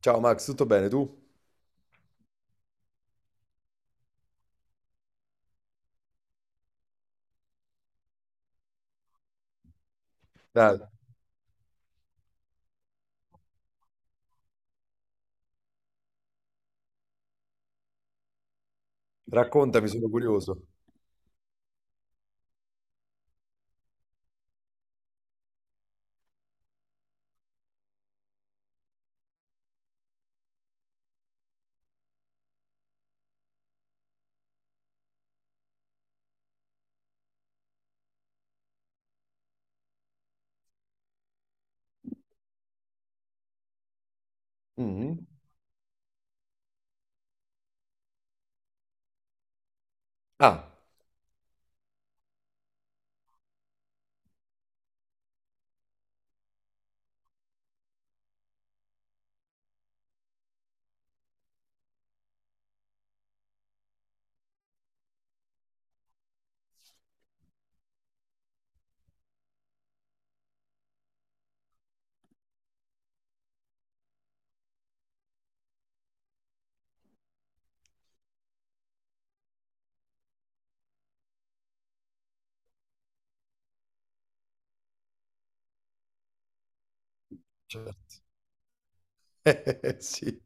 Ciao Max, tutto bene tu? Dai, raccontami, sono curioso. Mhm. Ah, certo. Sì,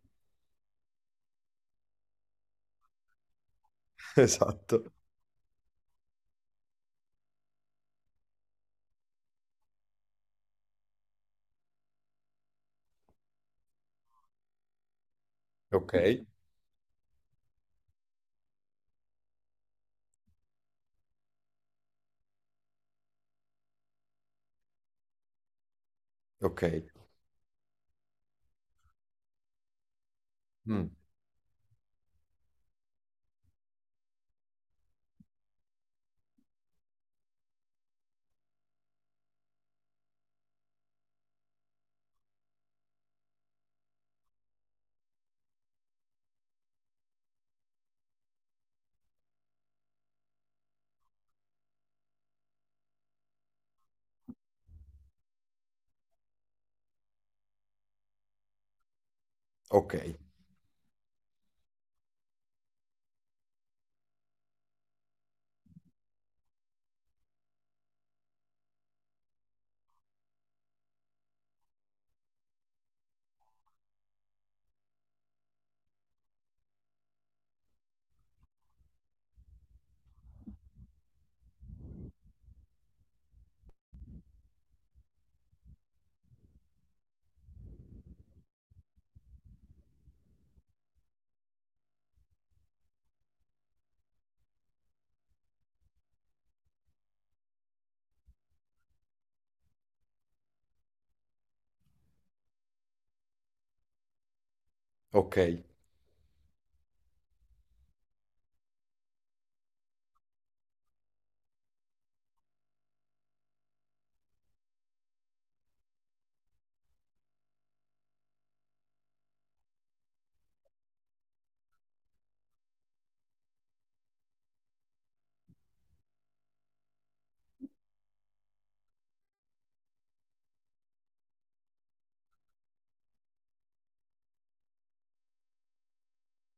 esatto. Ok, ok, mm, ok, ok.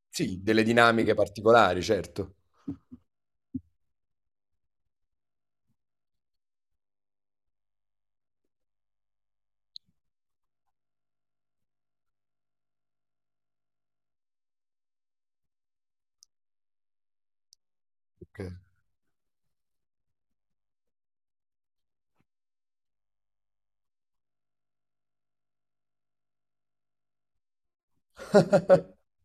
Sì, delle dinamiche particolari, certo. Ok,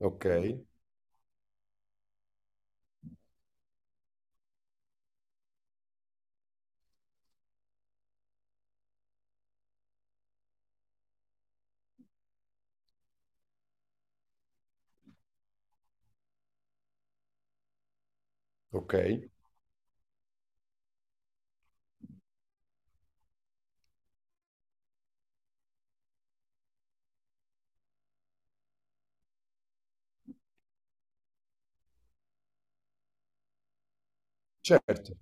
ok, ok, certo.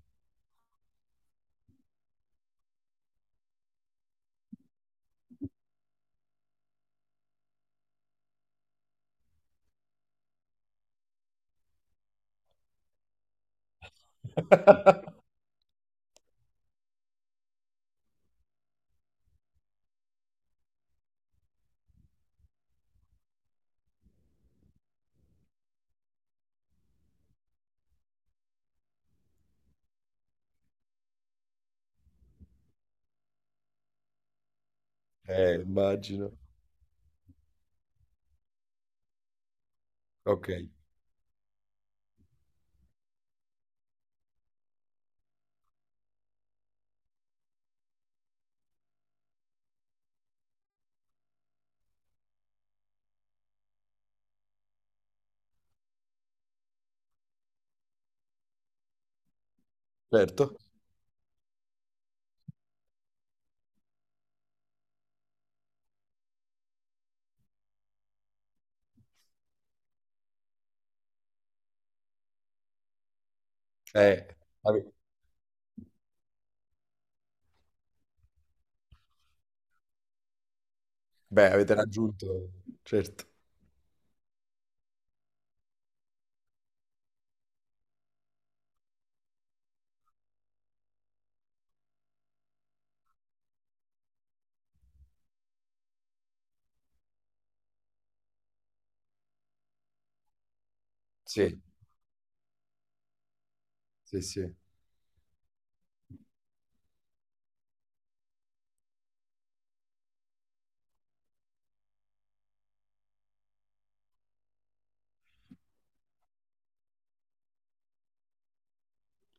Immagino. Ok, certo. Eh, ave- beh, avete raggiunto, certo. Sì, sì, sì.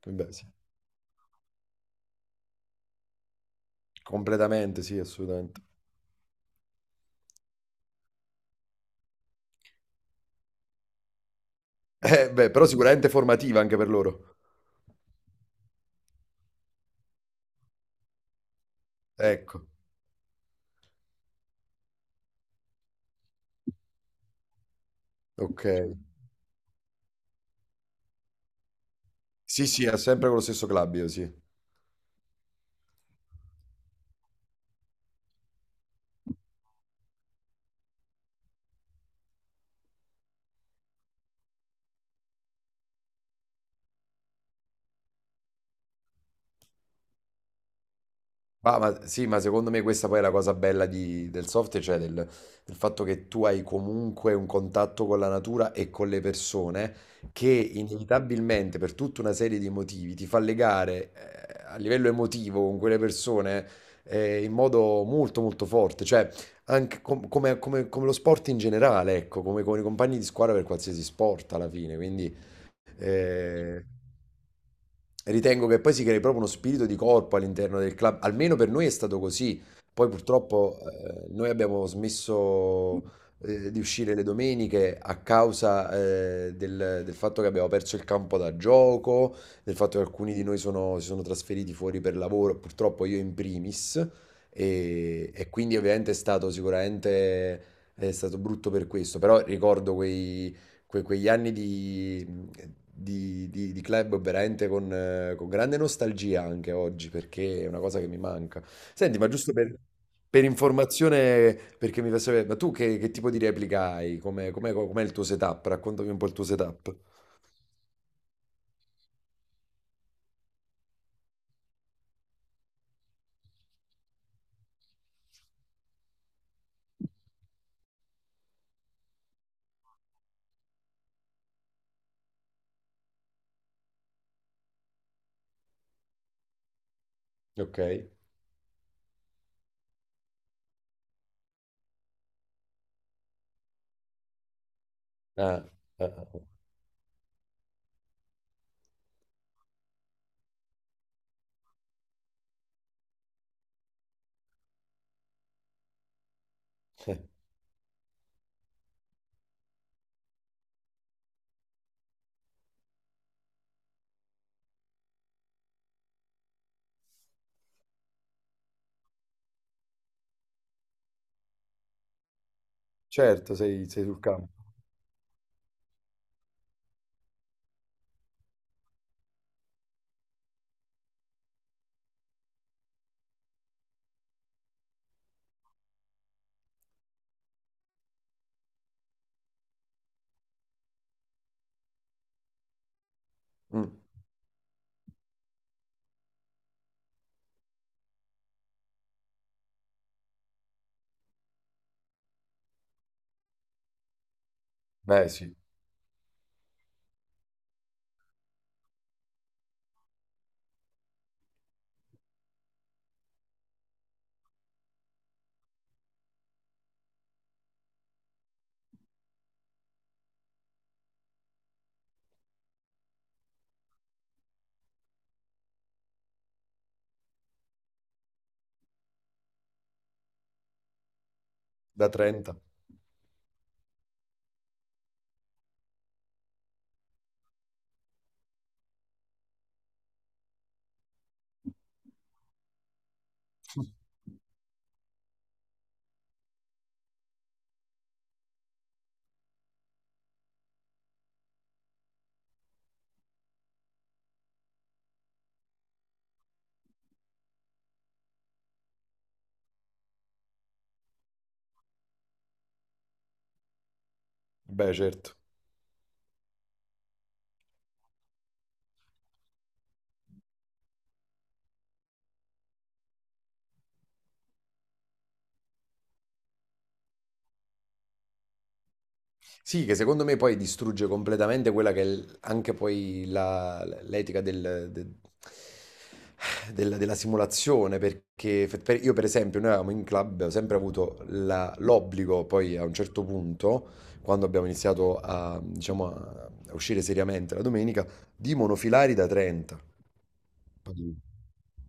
Beh, sì. Completamente, sì, assolutamente. Beh, però sicuramente formativa anche per loro. Ecco, ok. Sì, sì, è sempre con lo stesso club, io sì. Ah, ma sì, ma secondo me questa poi è la cosa bella del software, cioè del fatto che tu hai comunque un contatto con la natura e con le persone che inevitabilmente per tutta una serie di motivi ti fa legare a livello emotivo con quelle persone in modo molto molto forte, cioè anche come lo sport in generale, ecco, come con i compagni di squadra per qualsiasi sport alla fine, quindi... Eh, Ritengo che poi si crei proprio uno spirito di corpo all'interno del club, almeno per noi è stato così. Poi purtroppo noi abbiamo smesso di uscire le domeniche a causa del fatto che abbiamo perso il campo da gioco, del fatto che alcuni di noi si sono trasferiti fuori per lavoro, purtroppo io in primis, e quindi ovviamente è stato sicuramente è stato brutto per questo, però ricordo quegli anni di club veramente con grande nostalgia anche oggi, perché è una cosa che mi manca. Senti, ma giusto per informazione, perché mi fa sapere, ma tu che tipo di replica hai? Com'è il tuo setup? Raccontami un po' il tuo setup. Ok. Ah, ah, ah. Certo, sei sul campo. Mm, beh, sì, da 30. Beh, certo. Sì, che secondo me poi distrugge completamente quella che è anche poi l'etica della simulazione, perché io per esempio, noi avevamo in club, abbiamo sempre avuto l'obbligo, poi a un certo punto, quando abbiamo iniziato a, diciamo, a uscire seriamente la domenica, di monofilari da 30.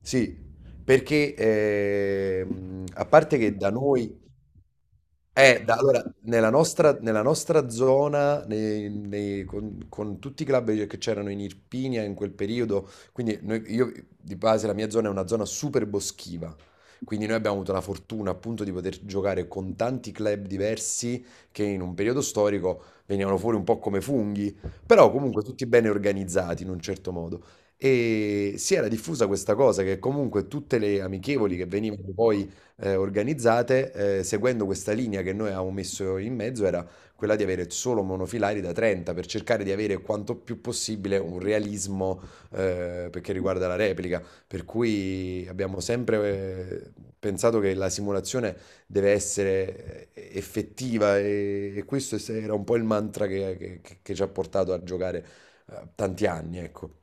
Sì, perché a parte che da noi allora, nella nostra zona, con tutti i club che c'erano in Irpinia in quel periodo, quindi io di base la mia zona è una zona super boschiva, quindi noi abbiamo avuto la fortuna appunto di poter giocare con tanti club diversi che in un periodo storico venivano fuori un po' come funghi, però comunque tutti bene organizzati in un certo modo. E si era diffusa questa cosa che comunque tutte le amichevoli che venivano poi organizzate, seguendo questa linea che noi avevamo messo in mezzo, era quella di avere solo monofilari da 30 per cercare di avere quanto più possibile un realismo perché riguarda la replica. Per cui abbiamo sempre pensato che la simulazione deve essere effettiva e questo era un po' il mantra che ci ha portato a giocare tanti anni, ecco.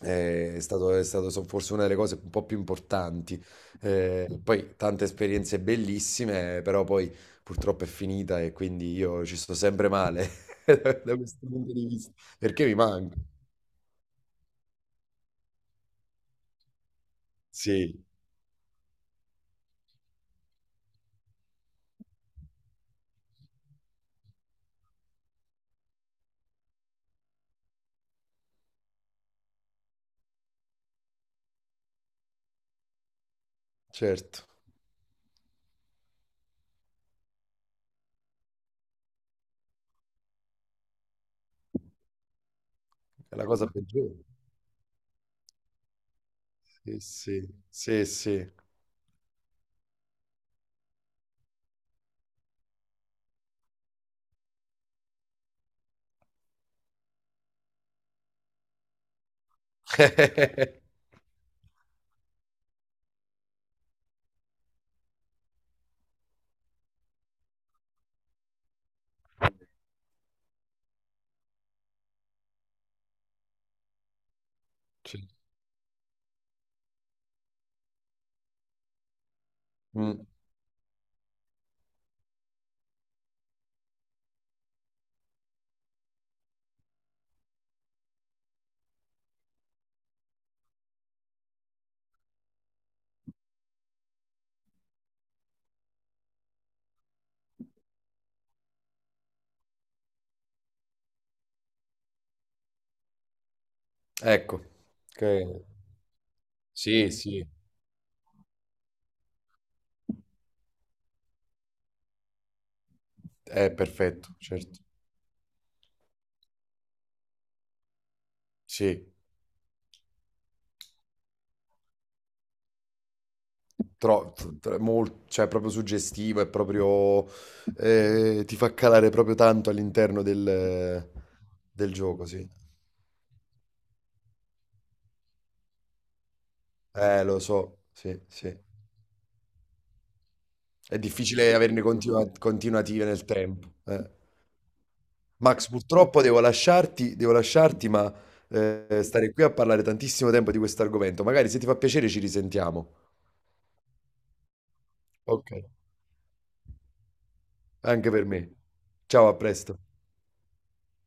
È stato, forse una delle cose un po' più importanti. Poi tante esperienze bellissime, però poi purtroppo è finita e quindi io ci sto sempre male da questo punto di vista, perché mi manca. Sì, certo, è la cosa peggiore. Sì, sì, sì, sì. Sì. Mm, ecco, che- sì, sì, è perfetto, certo. Sì. tro- cioè, è proprio suggestivo, è proprio, ti fa calare proprio tanto all'interno del gioco, sì. Lo so, sì, sì. È difficile averne continuative nel tempo. Eh. Max, purtroppo devo lasciarti, ma stare qui a parlare tantissimo tempo di questo argomento. Magari se ti fa piacere ci risentiamo. Ok. Anche per me. Ciao, a presto.